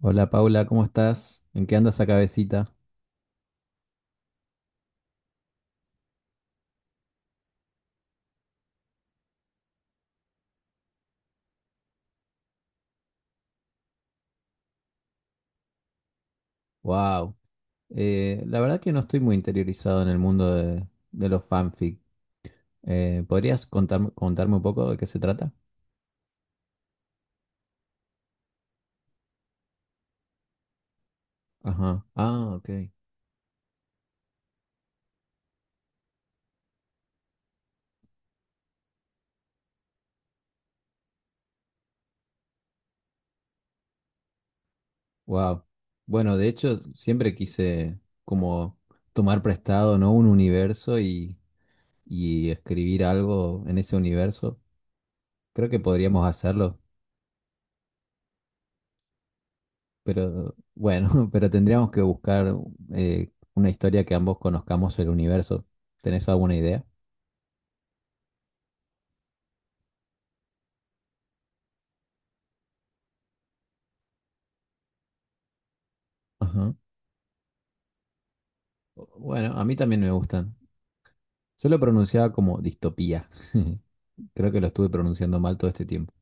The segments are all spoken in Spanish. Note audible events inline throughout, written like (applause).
Hola Paula, ¿cómo estás? ¿En qué anda esa cabecita? Wow. La verdad que no estoy muy interiorizado en el mundo de los fanfic. ¿Podrías contarme un poco de qué se trata? Ajá. Ah, ok. Wow. Bueno, de hecho, siempre quise como tomar prestado, ¿no? Un universo y escribir algo en ese universo. Creo que podríamos hacerlo. Pero bueno, (laughs) pero tendríamos que buscar una historia que ambos conozcamos el universo. ¿Tenés alguna idea? Ajá. Bueno, a mí también me gustan. Yo lo pronunciaba como distopía. (laughs) Creo que lo estuve pronunciando mal todo este tiempo.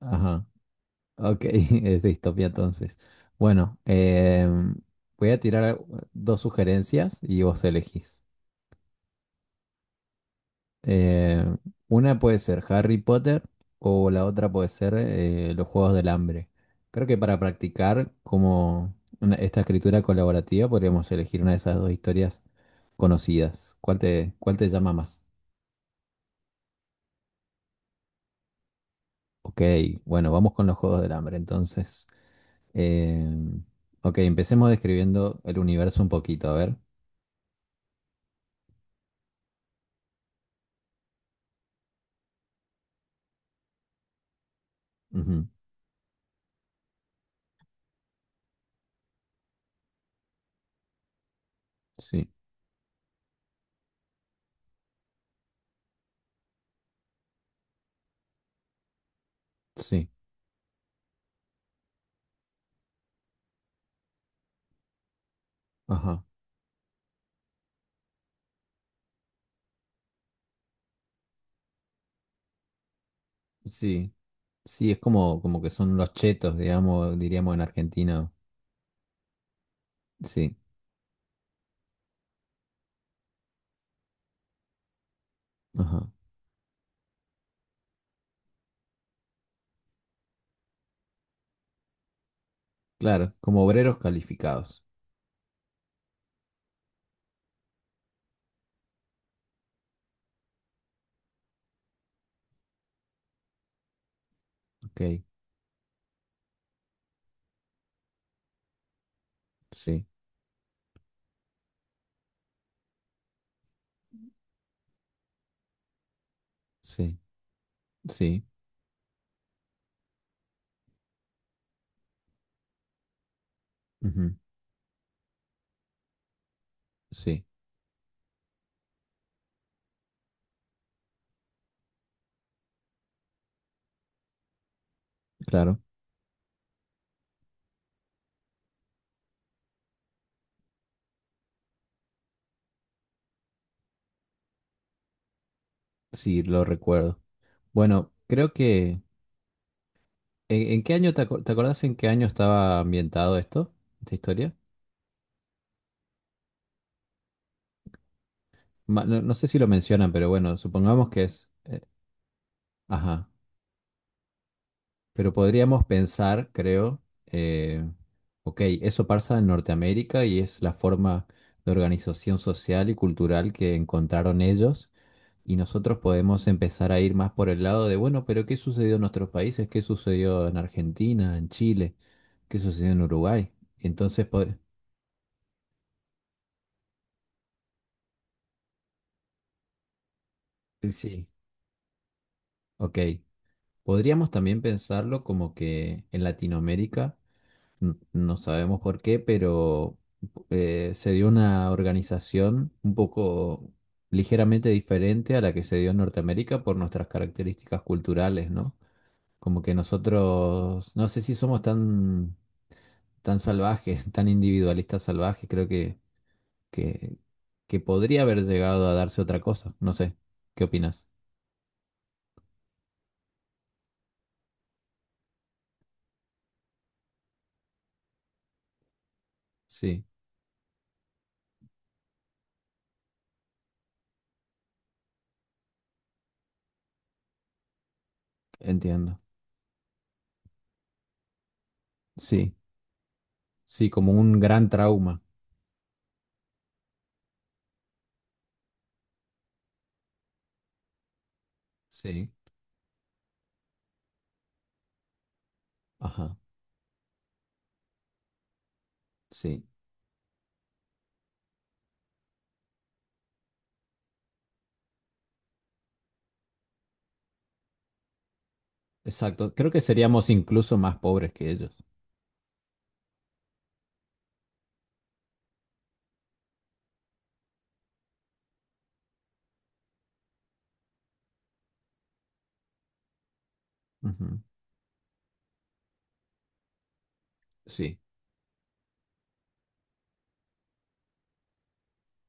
Ajá. Ok, (laughs) es distopía entonces. Bueno, voy a tirar dos sugerencias y vos elegís. Eh, una puede ser Harry Potter o la otra puede ser los Juegos del Hambre. Creo que para practicar como esta escritura colaborativa podríamos elegir una de esas dos historias conocidas. ¿Cuál te llama más? Ok, bueno, vamos con los Juegos del Hambre entonces. Eh, ok, empecemos describiendo el universo un poquito, a ver. Ujú, sí, sí, ajá, sí. Sí, es como que son los chetos, digamos, diríamos en argentino. Sí. Ajá, claro, como obreros calificados. Ok, sí, sí, sí, ujú, sí, claro, sí, lo recuerdo. Bueno, creo que… ¿En qué año te acordás en qué año estaba ambientado esto, esta historia? No, no sé si lo mencionan, pero bueno, supongamos que es… ajá, pero podríamos pensar, creo, eh, ok, eso pasa en Norteamérica y es la forma de organización social y cultural que encontraron ellos. Y nosotros podemos empezar a ir más por el lado de, bueno, pero ¿qué sucedió en nuestros países? ¿Qué sucedió en Argentina, en Chile? ¿Qué sucedió en Uruguay? Entonces, sí, ok. Podríamos también pensarlo como que en Latinoamérica, no sabemos por qué, pero se dio una organización un poco ligeramente diferente a la que se dio en Norteamérica por nuestras características culturales, ¿no? Como que nosotros, no sé si somos tan tan salvajes, tan individualistas salvajes, creo que, que podría haber llegado a darse otra cosa. No sé, ¿qué opinas? Sí, entiendo. Sí, sí, como un gran trauma. Sí. Ajá, sí, exacto. Creo que seríamos incluso más pobres que ellos. Ujú, sí,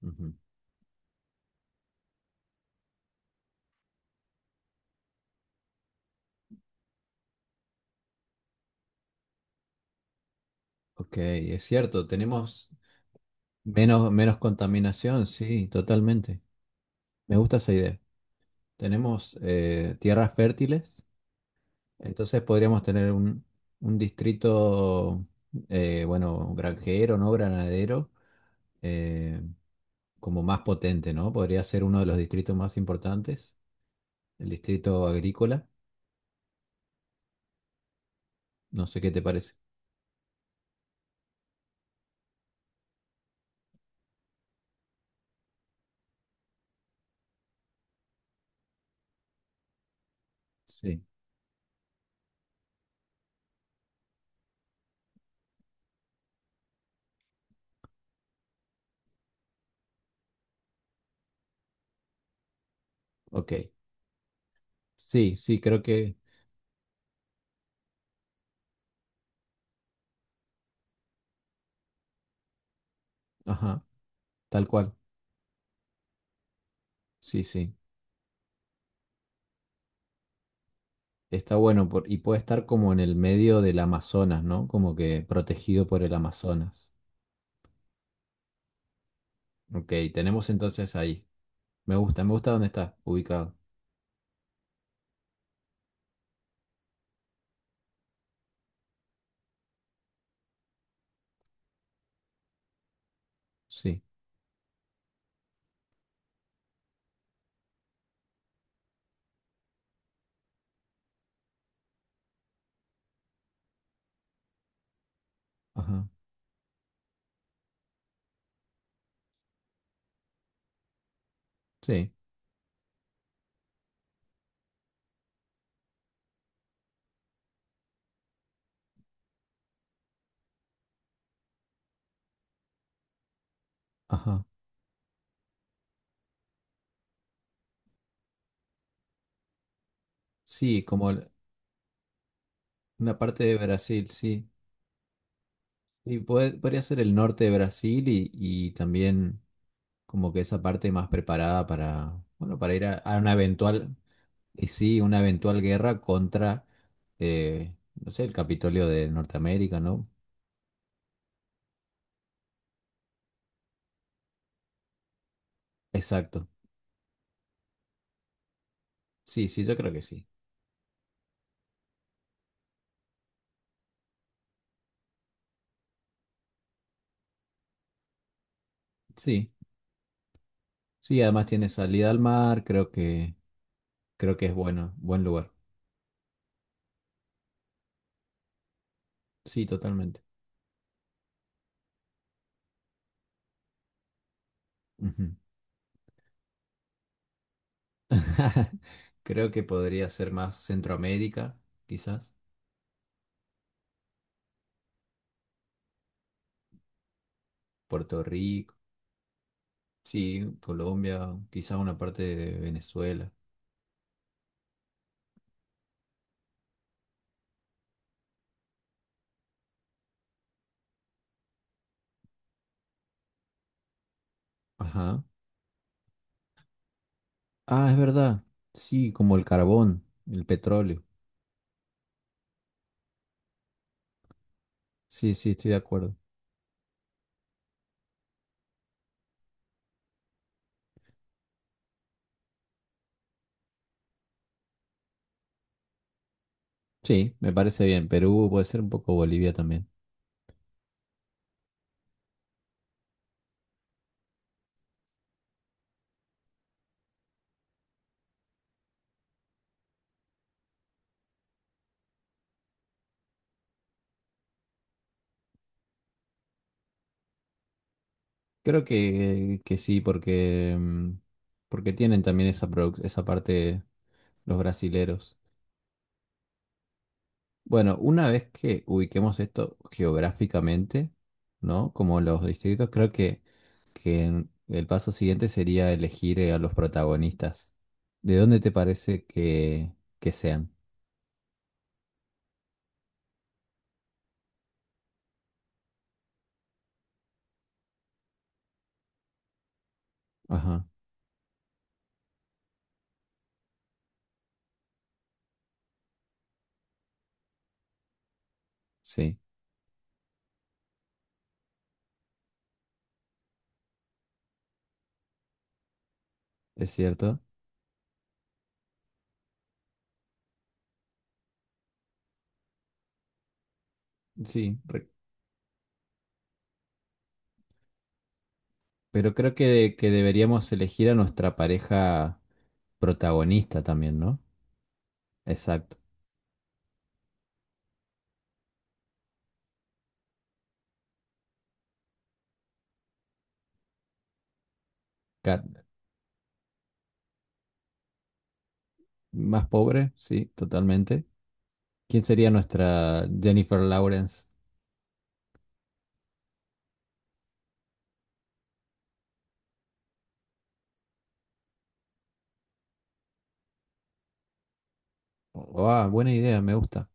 ujú. Ok, es cierto, tenemos menos contaminación, sí, totalmente. Me gusta esa idea. Tenemos tierras fértiles. Entonces podríamos tener un distrito, bueno, granjero, ¿no? Granadero, eh, como más potente, ¿no? Podría ser uno de los distritos más importantes, el distrito agrícola. No sé qué te parece. Sí, ok. Sí, sí, creo que, ajá, tal cual. Sí, sí. Está bueno y puede estar como en el medio del Amazonas, ¿no? Como que protegido por el Amazonas. Ok, tenemos entonces ahí. Me gusta dónde está ubicado. Sí, ajá, sí. Ajá. Sí, una parte de Brasil, sí. Y podría ser el norte de Brasil y también como que esa parte más preparada para, bueno, para ir a una eventual, y sí, una eventual guerra contra, no sé, el Capitolio de Norteamérica, ¿no? Exacto. Sí, sí, yo creo que sí. Sí, sí, además tiene salida al mar, creo que es bueno, buen lugar. Sí, totalmente. Ujú. (laughs) Creo que podría ser más Centroamérica, quizás. Puerto Rico, sí, Colombia, quizás una parte de Venezuela. Ajá. Ah, es verdad. Sí, como el carbón, el petróleo. Sí, sí, estoy de acuerdo. Sí, me parece bien. Perú puede ser un poco Bolivia también. Creo que sí, porque, mm, porque tienen también esa, esa parte los brasileros. Bueno, una vez que ubiquemos esto geográficamente, ¿no? Como los distritos, creo que el paso siguiente sería elegir a los protagonistas. ¿De dónde te parece que sean? Ajá, sí, es cierto. Sí, pero creo que deberíamos elegir a nuestra pareja protagonista también, ¿no? Exacto. Cat- más pobre, sí, totalmente. ¿Quién sería nuestra Jennifer Lawrence? Oh, ah, buena idea, me gusta.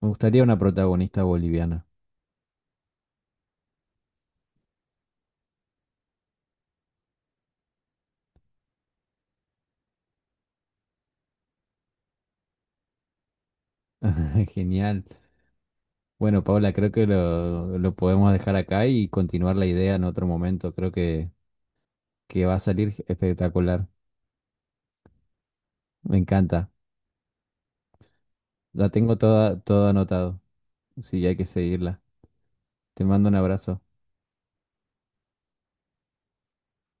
Me gustaría una protagonista boliviana. (laughs) Genial. Bueno, Paula, creo que lo podemos dejar acá y continuar la idea en otro momento. Creo que va a salir espectacular. Me encanta. La tengo toda, todo anotado. Sí, hay que seguirla. Te mando un abrazo.